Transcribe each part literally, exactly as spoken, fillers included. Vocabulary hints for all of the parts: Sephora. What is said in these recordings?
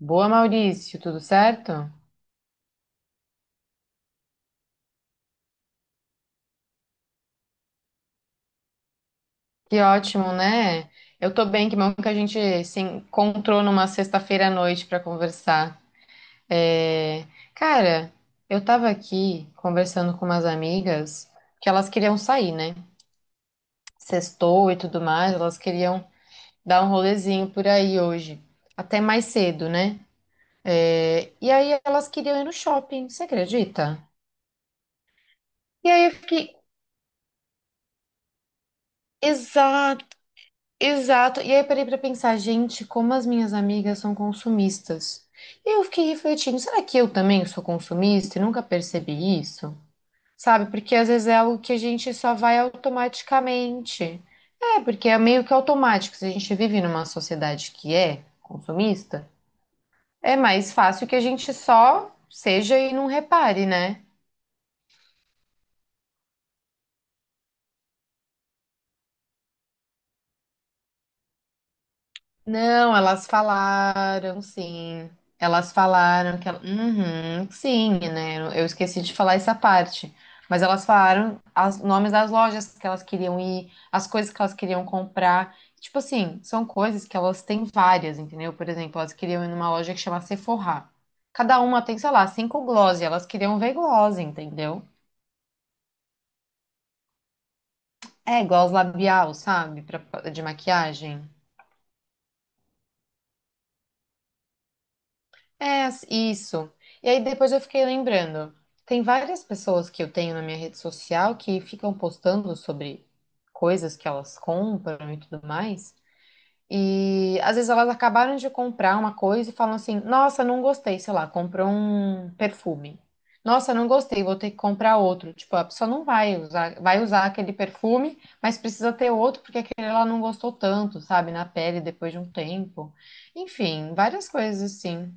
Boa, Maurício, tudo certo? Que ótimo, né? Eu tô bem, que bom que a gente se encontrou numa sexta-feira à noite para conversar. É, Cara, eu tava aqui conversando com umas amigas que elas queriam sair, né? Sextou e tudo mais, elas queriam dar um rolezinho por aí hoje, até mais cedo, né? É, E aí elas queriam ir no shopping, você acredita? E aí eu fiquei, Exato. E aí eu parei pra pensar, gente, como as minhas amigas são consumistas. E eu fiquei refletindo, será que eu também sou consumista e nunca percebi isso? Sabe? Porque às vezes é algo que a gente só vai automaticamente. É, porque é meio que automático. Se a gente vive numa sociedade que é consumista, é mais fácil que a gente só seja e não repare, né? Não, elas falaram, sim. Elas falaram que ela... Uhum, sim, né? Eu esqueci de falar essa parte. Mas elas falaram os nomes das lojas que elas queriam ir, as coisas que elas queriam comprar. Tipo assim, são coisas que elas têm várias, entendeu? Por exemplo, elas queriam ir numa loja que chama Sephora. Cada uma tem, sei lá, cinco gloss, e elas queriam ver gloss, entendeu? É, gloss labial, sabe? Pra- de maquiagem. É, as- isso. E aí depois eu fiquei lembrando. Tem várias pessoas que eu tenho na minha rede social que ficam postando sobre coisas que elas compram e tudo mais. E às vezes elas acabaram de comprar uma coisa e falam assim: Nossa, não gostei, sei lá, comprou um perfume. Nossa, não gostei, vou ter que comprar outro. Tipo, a pessoa não vai usar, vai usar aquele perfume, mas precisa ter outro porque aquele ela não gostou tanto, sabe, na pele depois de um tempo. Enfim, várias coisas assim.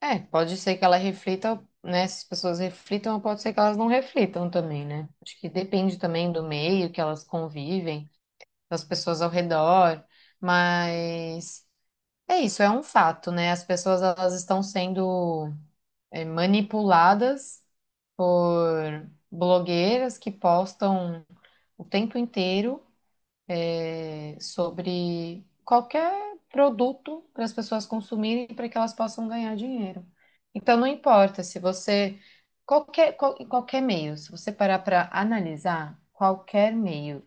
É, pode ser que ela reflita, né? Se as pessoas reflitam, ou pode ser que elas não reflitam também, né? Acho que depende também do meio que elas convivem, das pessoas ao redor, mas é isso, é um fato, né? As pessoas elas estão sendo é, manipuladas por blogueiras que postam o tempo inteiro é, sobre qualquer produto para as pessoas consumirem para que elas possam ganhar dinheiro. Então, não importa se você. Qualquer, qual- qualquer meio, se você parar para analisar, qualquer meio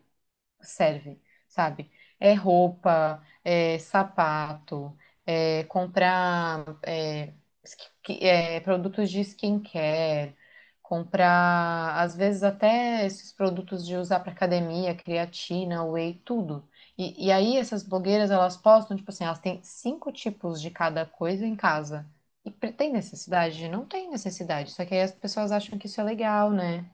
serve, sabe? É roupa, é sapato, é comprar é, ski- é, produtos de skincare, comprar, às vezes até esses produtos de usar para academia, creatina, whey, tudo. E, e aí essas blogueiras, elas postam, tipo assim, elas têm cinco tipos de cada coisa em casa. E pre- tem necessidade? Não tem necessidade. Só que aí as pessoas acham que isso é legal, né?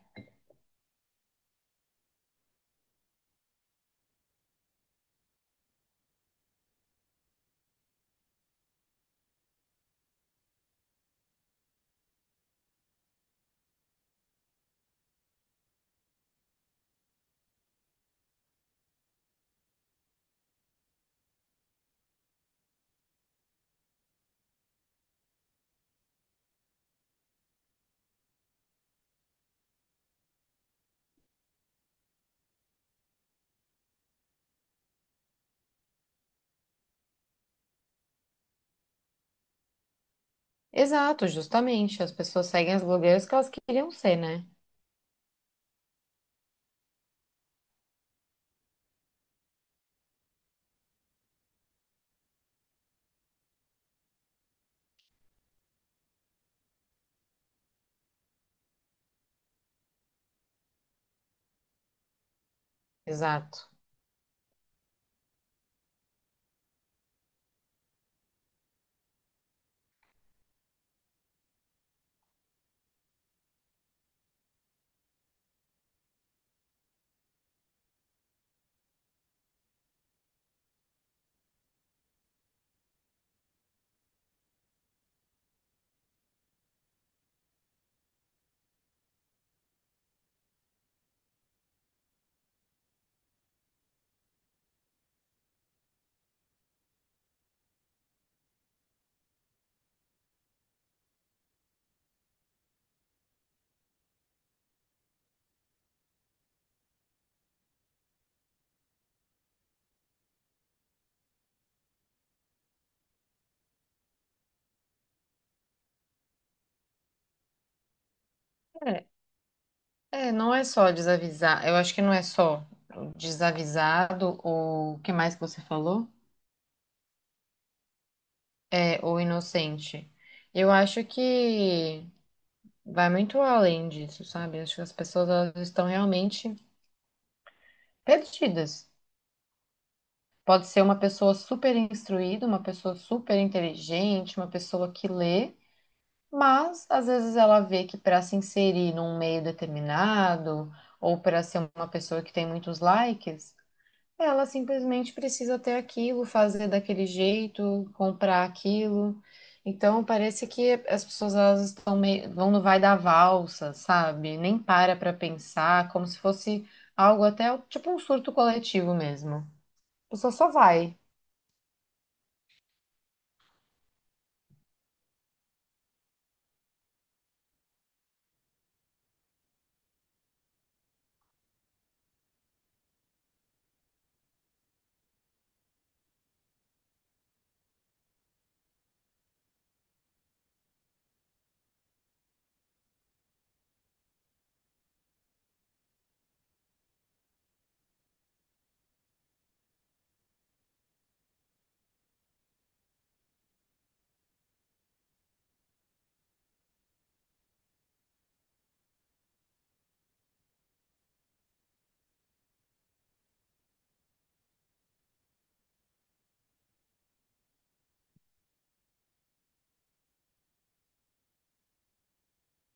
Exato, justamente. As pessoas seguem as blogueiras que elas queriam ser, né? Exato. É, É, não é só desavisar. Eu acho que não é só desavisado ou o que mais que você falou? É, ou inocente. Eu acho que vai muito além disso, sabe? Acho que as pessoas elas estão realmente perdidas. Pode ser uma pessoa super instruída, uma pessoa super inteligente, uma pessoa que lê. Mas às vezes ela vê que para se inserir num meio determinado ou para ser uma pessoa que tem muitos likes, ela simplesmente precisa ter aquilo, fazer daquele jeito, comprar aquilo. Então parece que as pessoas elas estão meio, vão no vai da valsa, sabe? Nem para para pensar, como se fosse algo até tipo um surto coletivo mesmo. A pessoa só vai.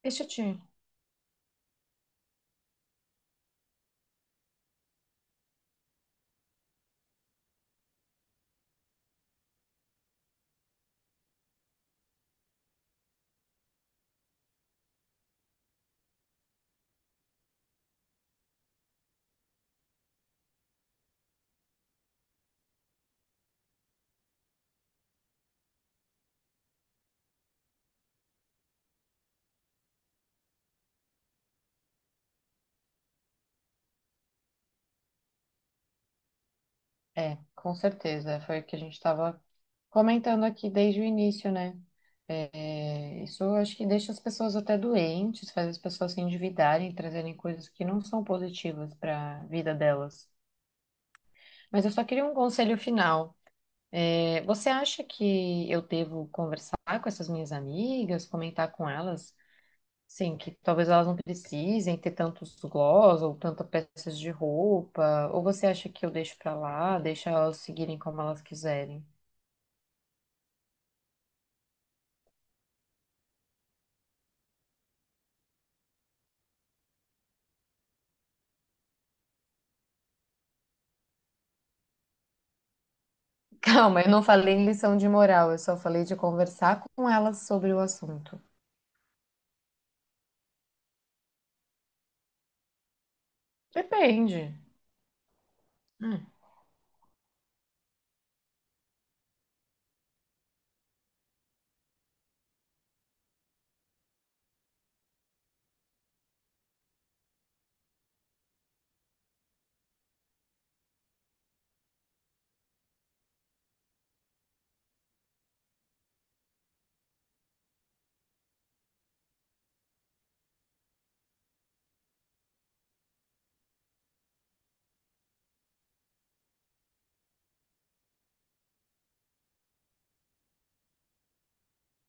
Deixa eu te É, com certeza. Foi o que a gente estava comentando aqui desde o início, né? É, isso eu acho que deixa as pessoas até doentes, faz as pessoas se endividarem, trazerem coisas que não são positivas para a vida delas. Mas eu só queria um conselho final. É, você acha que eu devo conversar com essas minhas amigas, comentar com elas? Sim, que talvez elas não precisem ter tantos gloss ou tantas peças de roupa. Ou você acha que eu deixo para lá, deixa elas seguirem como elas quiserem? Calma, eu não falei em lição de moral, eu só falei de conversar com elas sobre o assunto. Depende. Hum,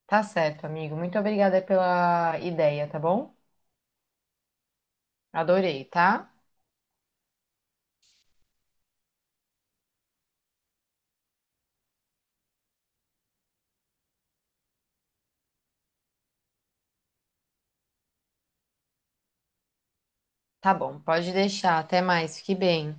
tá certo, amigo. Muito obrigada pela ideia, tá bom? Adorei, tá? Tá bom, pode deixar. Até mais, fique bem.